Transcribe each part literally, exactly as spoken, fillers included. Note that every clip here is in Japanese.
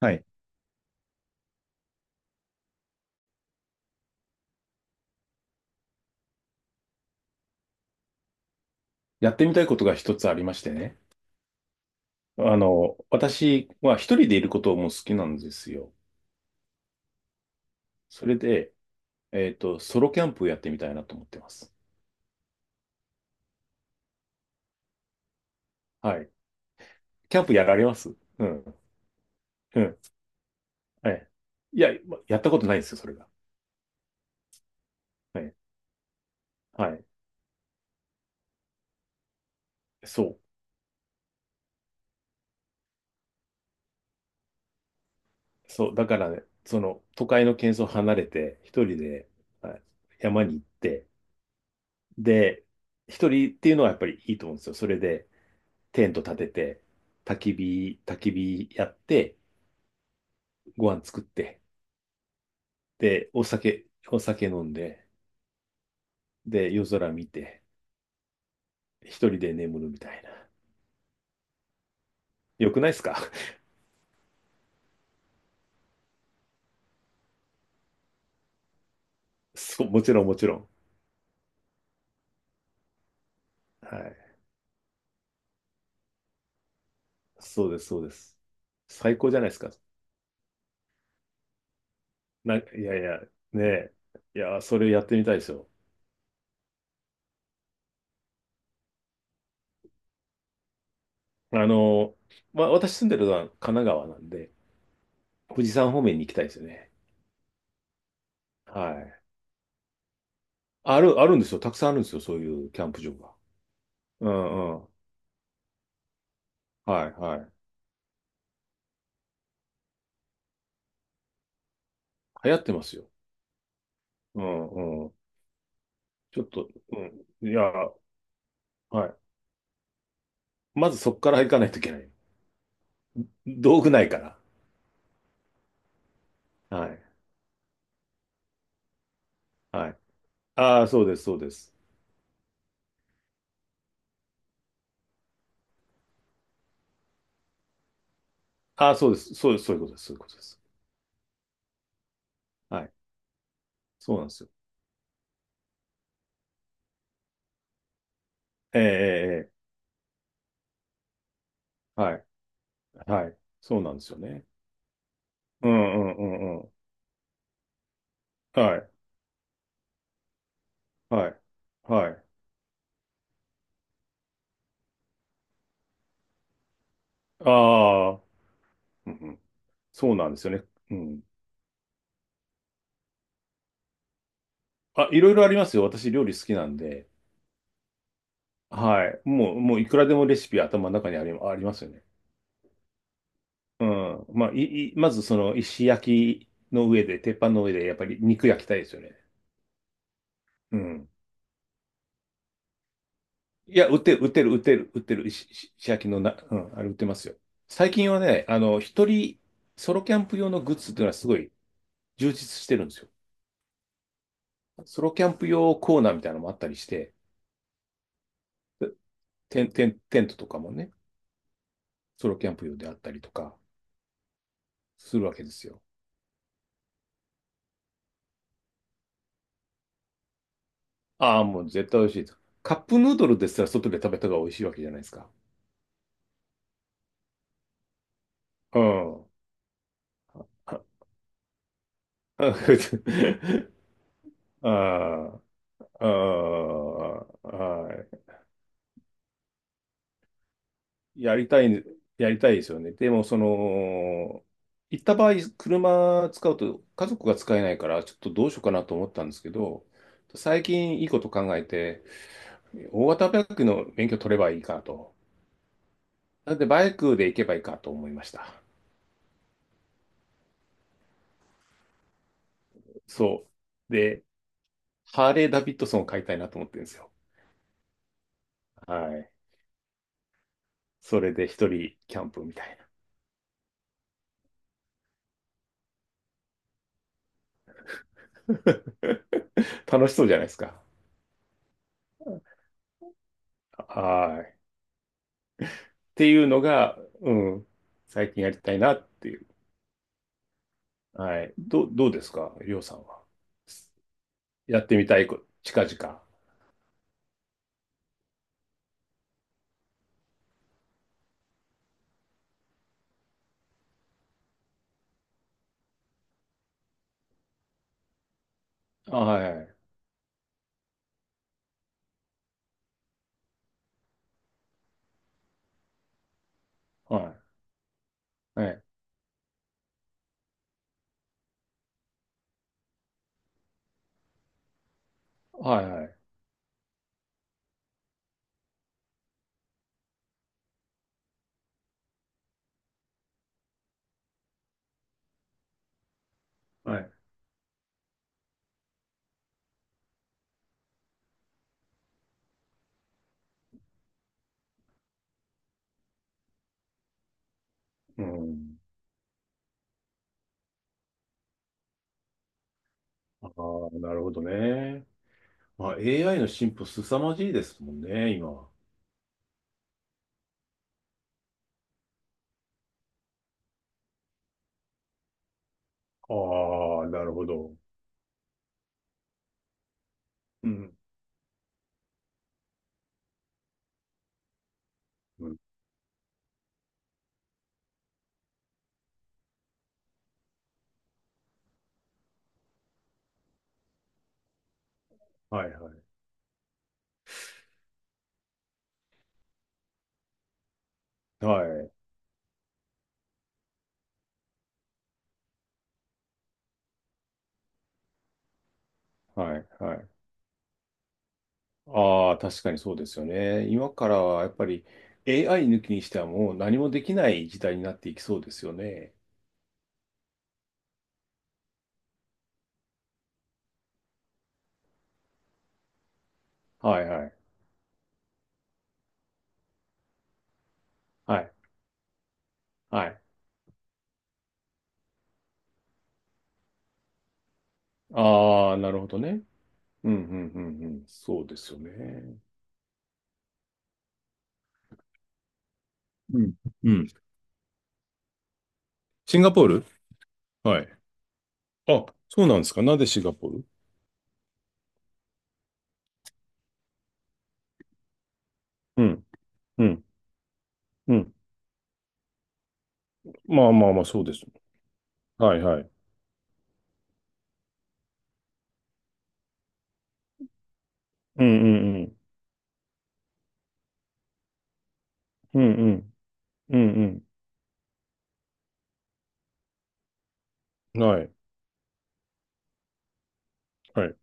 はい。やってみたいことが一つありましてね。あの、私は一人でいることも好きなんですよ。それで、えっと、ソロキャンプをやってみたいなと思ってます。はい。キャンプやられます？うん。うん。はい。いや、まやったことないんですよ、それが。はい。はい。そう。そう。だからね、その、都会の喧騒を離れて、一人で、はい、山に行って、で、一人っていうのはやっぱりいいと思うんですよ。それで、テント立てて、焚き火、焚き火やって、ご飯作って、で、お酒、お酒飲んで、で、夜空見て、一人で眠るみたいな。よくないですか？ そう、もちろんもちろん。はい。そうです、そうです。最高じゃないですか。な、いやいや、ねえ。いや、それやってみたいですよ。あの、まあ、私住んでるのは神奈川なんで、富士山方面に行きたいですよね。はい。ある、あるんですよ。たくさんあるんですよ。そういうキャンプ場が。うんうん。はいはい。流行ってますよ。うんうん。ちょっと、うん。いや、はい。まずそこから行かないといけない。道具ないから。はい。はい。ああ、そうです、そうです。ああ、そうです。そうです、そういうことです、そういうことです。はい。そうなんですよ。ええ、ええ、ええ、はい。はい。そうなんですよね。うん、うん、うん、うん。はい。はい。はい。ああ、うんうん、そうなんですよね。うん。あ、いろいろありますよ。私、料理好きなんで。はい。もう、もう、いくらでもレシピ頭の中にあり、ありますよね。うん。まあ、い、い、まずその石焼きの上で、鉄板の上で、やっぱり肉焼きたいですよね。うん。いや、売ってる、売ってる、売ってる、売ってる、石、石石焼きのな、うん、あれ売ってますよ。最近はね、あの、一人、ソロキャンプ用のグッズっていうのはすごい充実してるんですよ。ソロキャンプ用コーナーみたいなのもあったりして、テン、テン、テントとかもね、ソロキャンプ用であったりとかするわけですよ。ああ、もう絶対美味しいです。カップヌードルですら外で食べた方が美味しいわけじゃないですか。うん。ああ、ああ、はい。やりたい、やりたいですよね。でも、その、行った場合、車使うと家族が使えないから、ちょっとどうしようかなと思ったんですけど、最近いいこと考えて、大型バイクの免許取ればいいかと。なんで、バイクで行けばいいかと思いました。そう。で、ハーレー・ダビッドソンを買いたいなと思ってるんですよ。はい。それで一人キャンプみたいな。楽しそうじゃないですか。はい。ていうのが、うん、最近やりたいなっていう。はい。どう、どうですか、りょうさんは？やってみたいこと、近々。はい。はい。はい。はい。はい。はい。うん。ああ、なるほどね。まあ、エーアイ の進歩凄まじいですもんね、今は。ああ、なるほど。うん。うん。はいはい。はい。はい。はい。ああ、確かにそうですよね。今からはやっぱり エーアイ 抜きにしてはもう何もできない時代になっていきそうですよね。はいはい。はい。はい。ああ、なるほどね。うん、うん、うん、うん。そうですよね。うん。うん。シンガポール、はい。あ、そうなんですか。なんでシンガポール？うん、うん、うん。まあまあまあ、そうです。はいはい。うん、うん、うん。うん、うん。うんうん。はい。はい。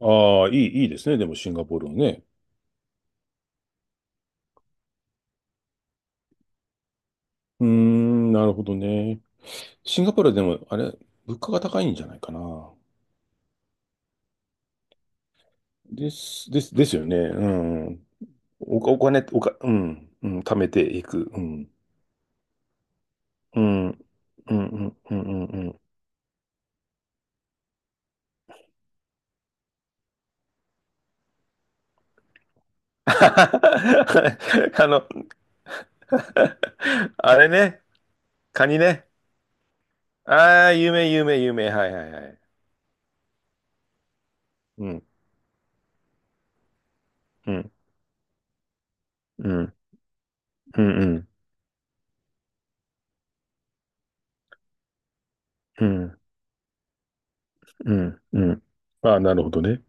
ああ、いい、いいですね。でも、シンガポールはね。うーん、なるほどね。シンガポールはでも、あれ、物価が高いんじゃないかな。です、です、ですよね。うん。お、お金、おか、うん、うん、貯めていく。うん。うん、うん、うん、うん、うんうん。あの、あれね、カニね。ああ、有名、有名、有名。はい、はい、はい。うん、うん、うん、うん、うん、うん、うん、うん。ああ、なるほどね。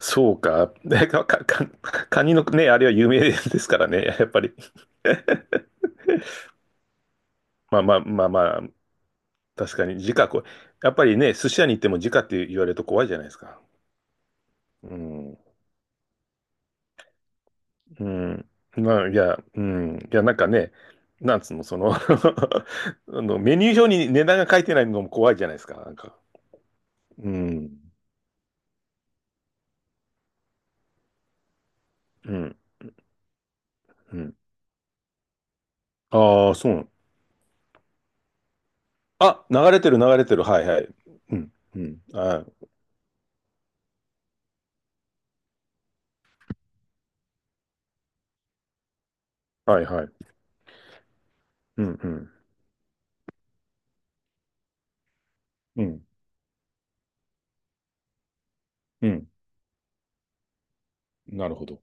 そうか。ねか、か、か、カニのね、あれは有名ですからね。やっぱり。まあまあまあまあ、確かに、時価こう、やっぱりね、寿司屋に行っても時価って言われると怖いじゃないですか。うん。うん。まあ、いや、うん。いや、なんかね、なんつうの、その あの、メニュー表に値段が書いてないのも怖いじゃないですか。なんか。うん。うん。うん。ああ、そうなの。あ、流れてる、流れてる。はいはい。うん。うん。はい。はいはい。うんうん。うんああそうあ流れてる流れてるはいはいうん。なるほど。